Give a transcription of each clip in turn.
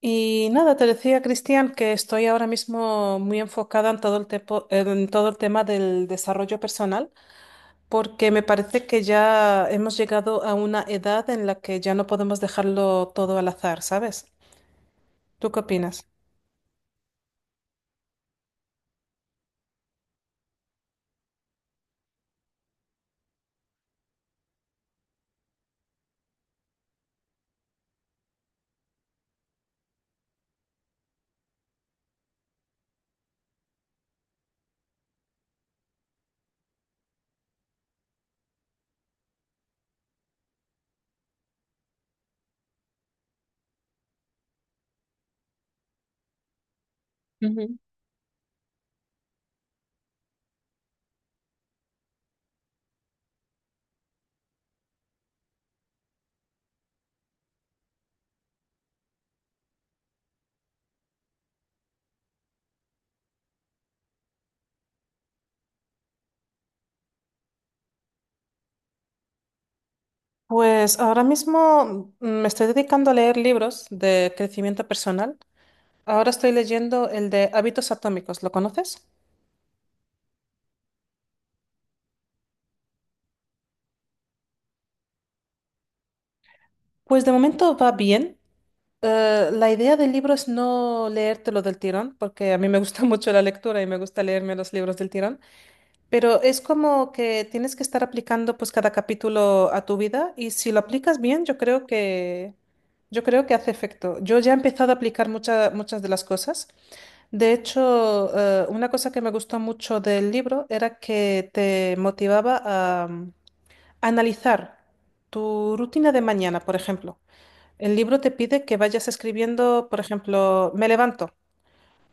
Y nada, te decía, Cristian, que estoy ahora mismo muy enfocada en todo en todo el tema del desarrollo personal, porque me parece que ya hemos llegado a una edad en la que ya no podemos dejarlo todo al azar, ¿sabes? ¿Tú qué opinas? Pues ahora mismo me estoy dedicando a leer libros de crecimiento personal. Ahora estoy leyendo el de Hábitos Atómicos, ¿lo conoces? Pues de momento va bien. La idea del libro es no leértelo del tirón, porque a mí me gusta mucho la lectura y me gusta leerme los libros del tirón, pero es como que tienes que estar aplicando pues cada capítulo a tu vida y si lo aplicas bien, yo creo que hace efecto. Yo ya he empezado a aplicar muchas de las cosas. De hecho, una cosa que me gustó mucho del libro era que te motivaba a analizar tu rutina de mañana, por ejemplo. El libro te pide que vayas escribiendo, por ejemplo, me levanto.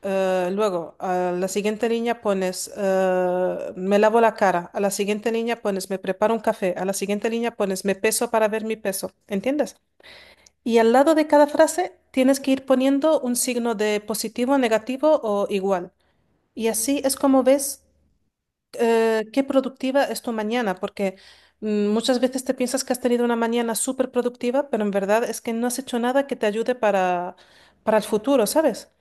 Luego, a la siguiente línea pones, me lavo la cara. A la siguiente línea pones, me preparo un café. A la siguiente línea pones, me peso para ver mi peso. ¿Entiendes? Y al lado de cada frase tienes que ir poniendo un signo de positivo, negativo o igual. Y así es como ves qué productiva es tu mañana, porque muchas veces te piensas que has tenido una mañana súper productiva, pero en verdad es que no has hecho nada que te ayude para el futuro, ¿sabes?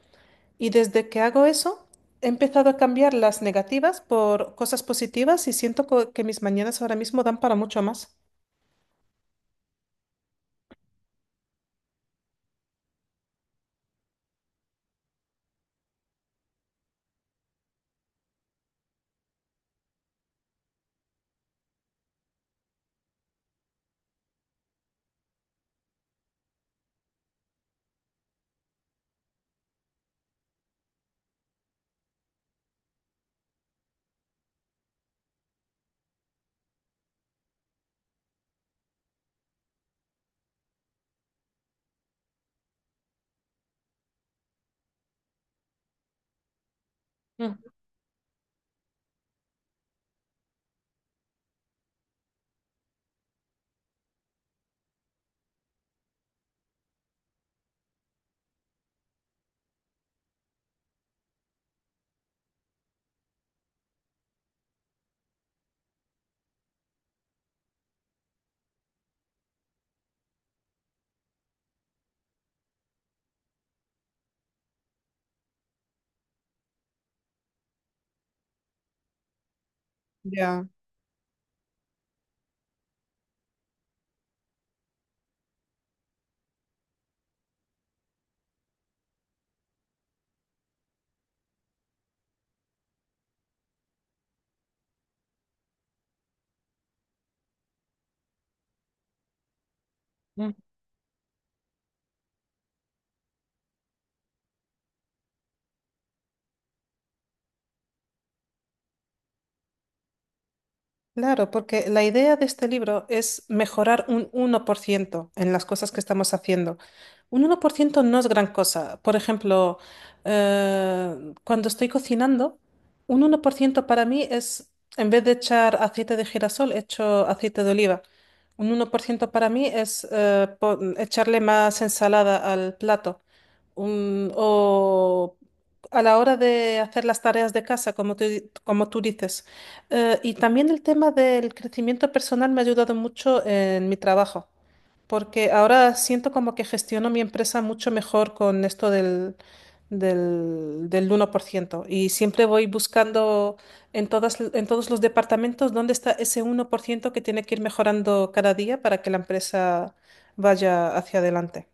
Y desde que hago eso, he empezado a cambiar las negativas por cosas positivas y siento que mis mañanas ahora mismo dan para mucho más. Ujú. Ya. Claro, porque la idea de este libro es mejorar un uno por ciento en las cosas que estamos haciendo. Un uno por ciento no es gran cosa. Por ejemplo, eh, cuando estoy cocinando, un uno por ciento para mí es, en vez de echar aceite de girasol, echo aceite de oliva. Un uno por ciento para mí es echarle más ensalada al plato o a la hora de hacer las tareas de casa, como como tú dices. Y también el tema del crecimiento personal me ha ayudado mucho en mi trabajo, porque ahora siento como que gestiono mi empresa mucho mejor con esto del uno por ciento. Y siempre voy buscando en en todos los departamentos dónde está ese uno por ciento que tiene que ir mejorando cada día para que la empresa vaya hacia adelante.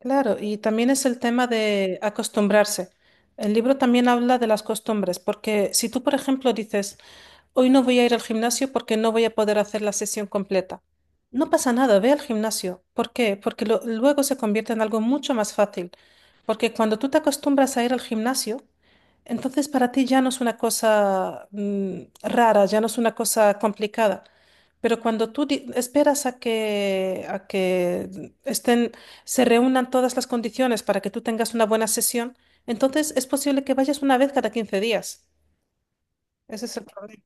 Claro, y también es el tema de acostumbrarse. El libro también habla de las costumbres, porque si tú, por ejemplo, dices, hoy no voy a ir al gimnasio porque no voy a poder hacer la sesión completa, no pasa nada, ve al gimnasio. ¿Por qué? Porque luego se convierte en algo mucho más fácil. Porque cuando tú te acostumbras a ir al gimnasio, entonces para ti ya no es una cosa rara, ya no es una cosa complicada. Pero cuando esperas a a que estén, se reúnan todas las condiciones para que tú tengas una buena sesión, entonces es posible que vayas una vez cada 15 días. Ese es el problema.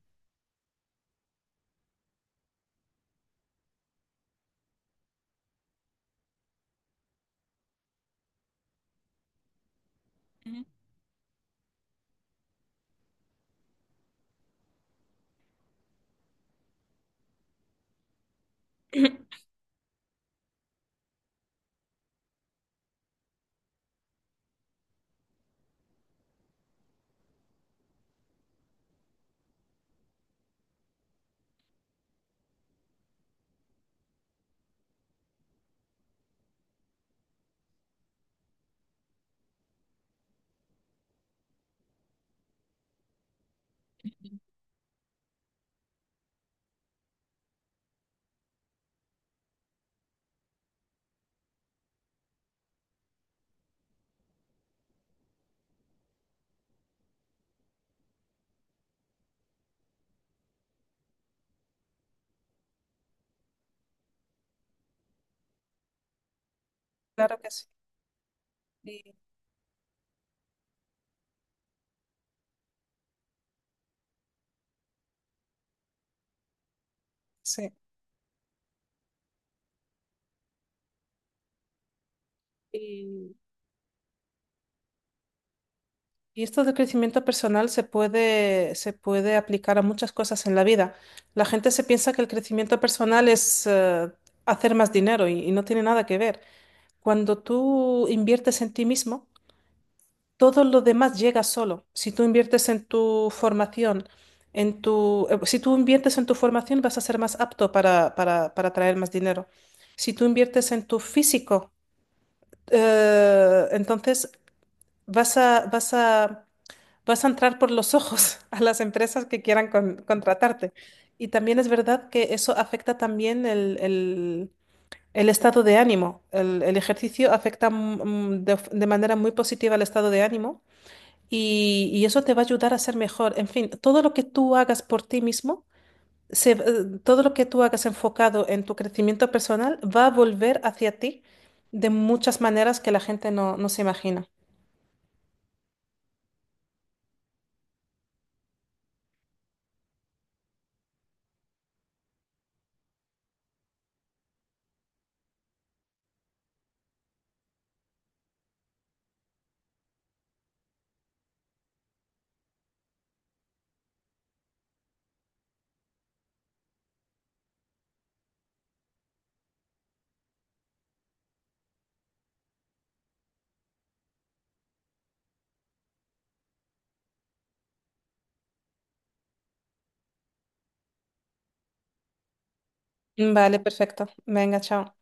Ujú. Claro que sí. Y, sí. Y, y esto del crecimiento personal se puede aplicar a muchas cosas en la vida. La gente se piensa que el crecimiento personal es hacer más dinero y no tiene nada que ver. Cuando tú inviertes en ti mismo, todo lo demás llega solo. Si tú inviertes en tu formación, si tú inviertes en tu formación, vas a ser más apto para traer más dinero. Si tú inviertes en tu físico, entonces vas a, vas a, vas a entrar por los ojos a las empresas que quieran contratarte. Y también es verdad que eso afecta también el estado de ánimo. El, ejercicio afecta de manera muy positiva al estado de ánimo y eso te va a ayudar a ser mejor. En fin, todo lo que tú hagas por ti mismo, se- eh, todo lo que tú hagas enfocado en tu crecimiento personal va a volver hacia ti de muchas maneras que la gente no se imagina. Vale, perfecto. Venga, chao.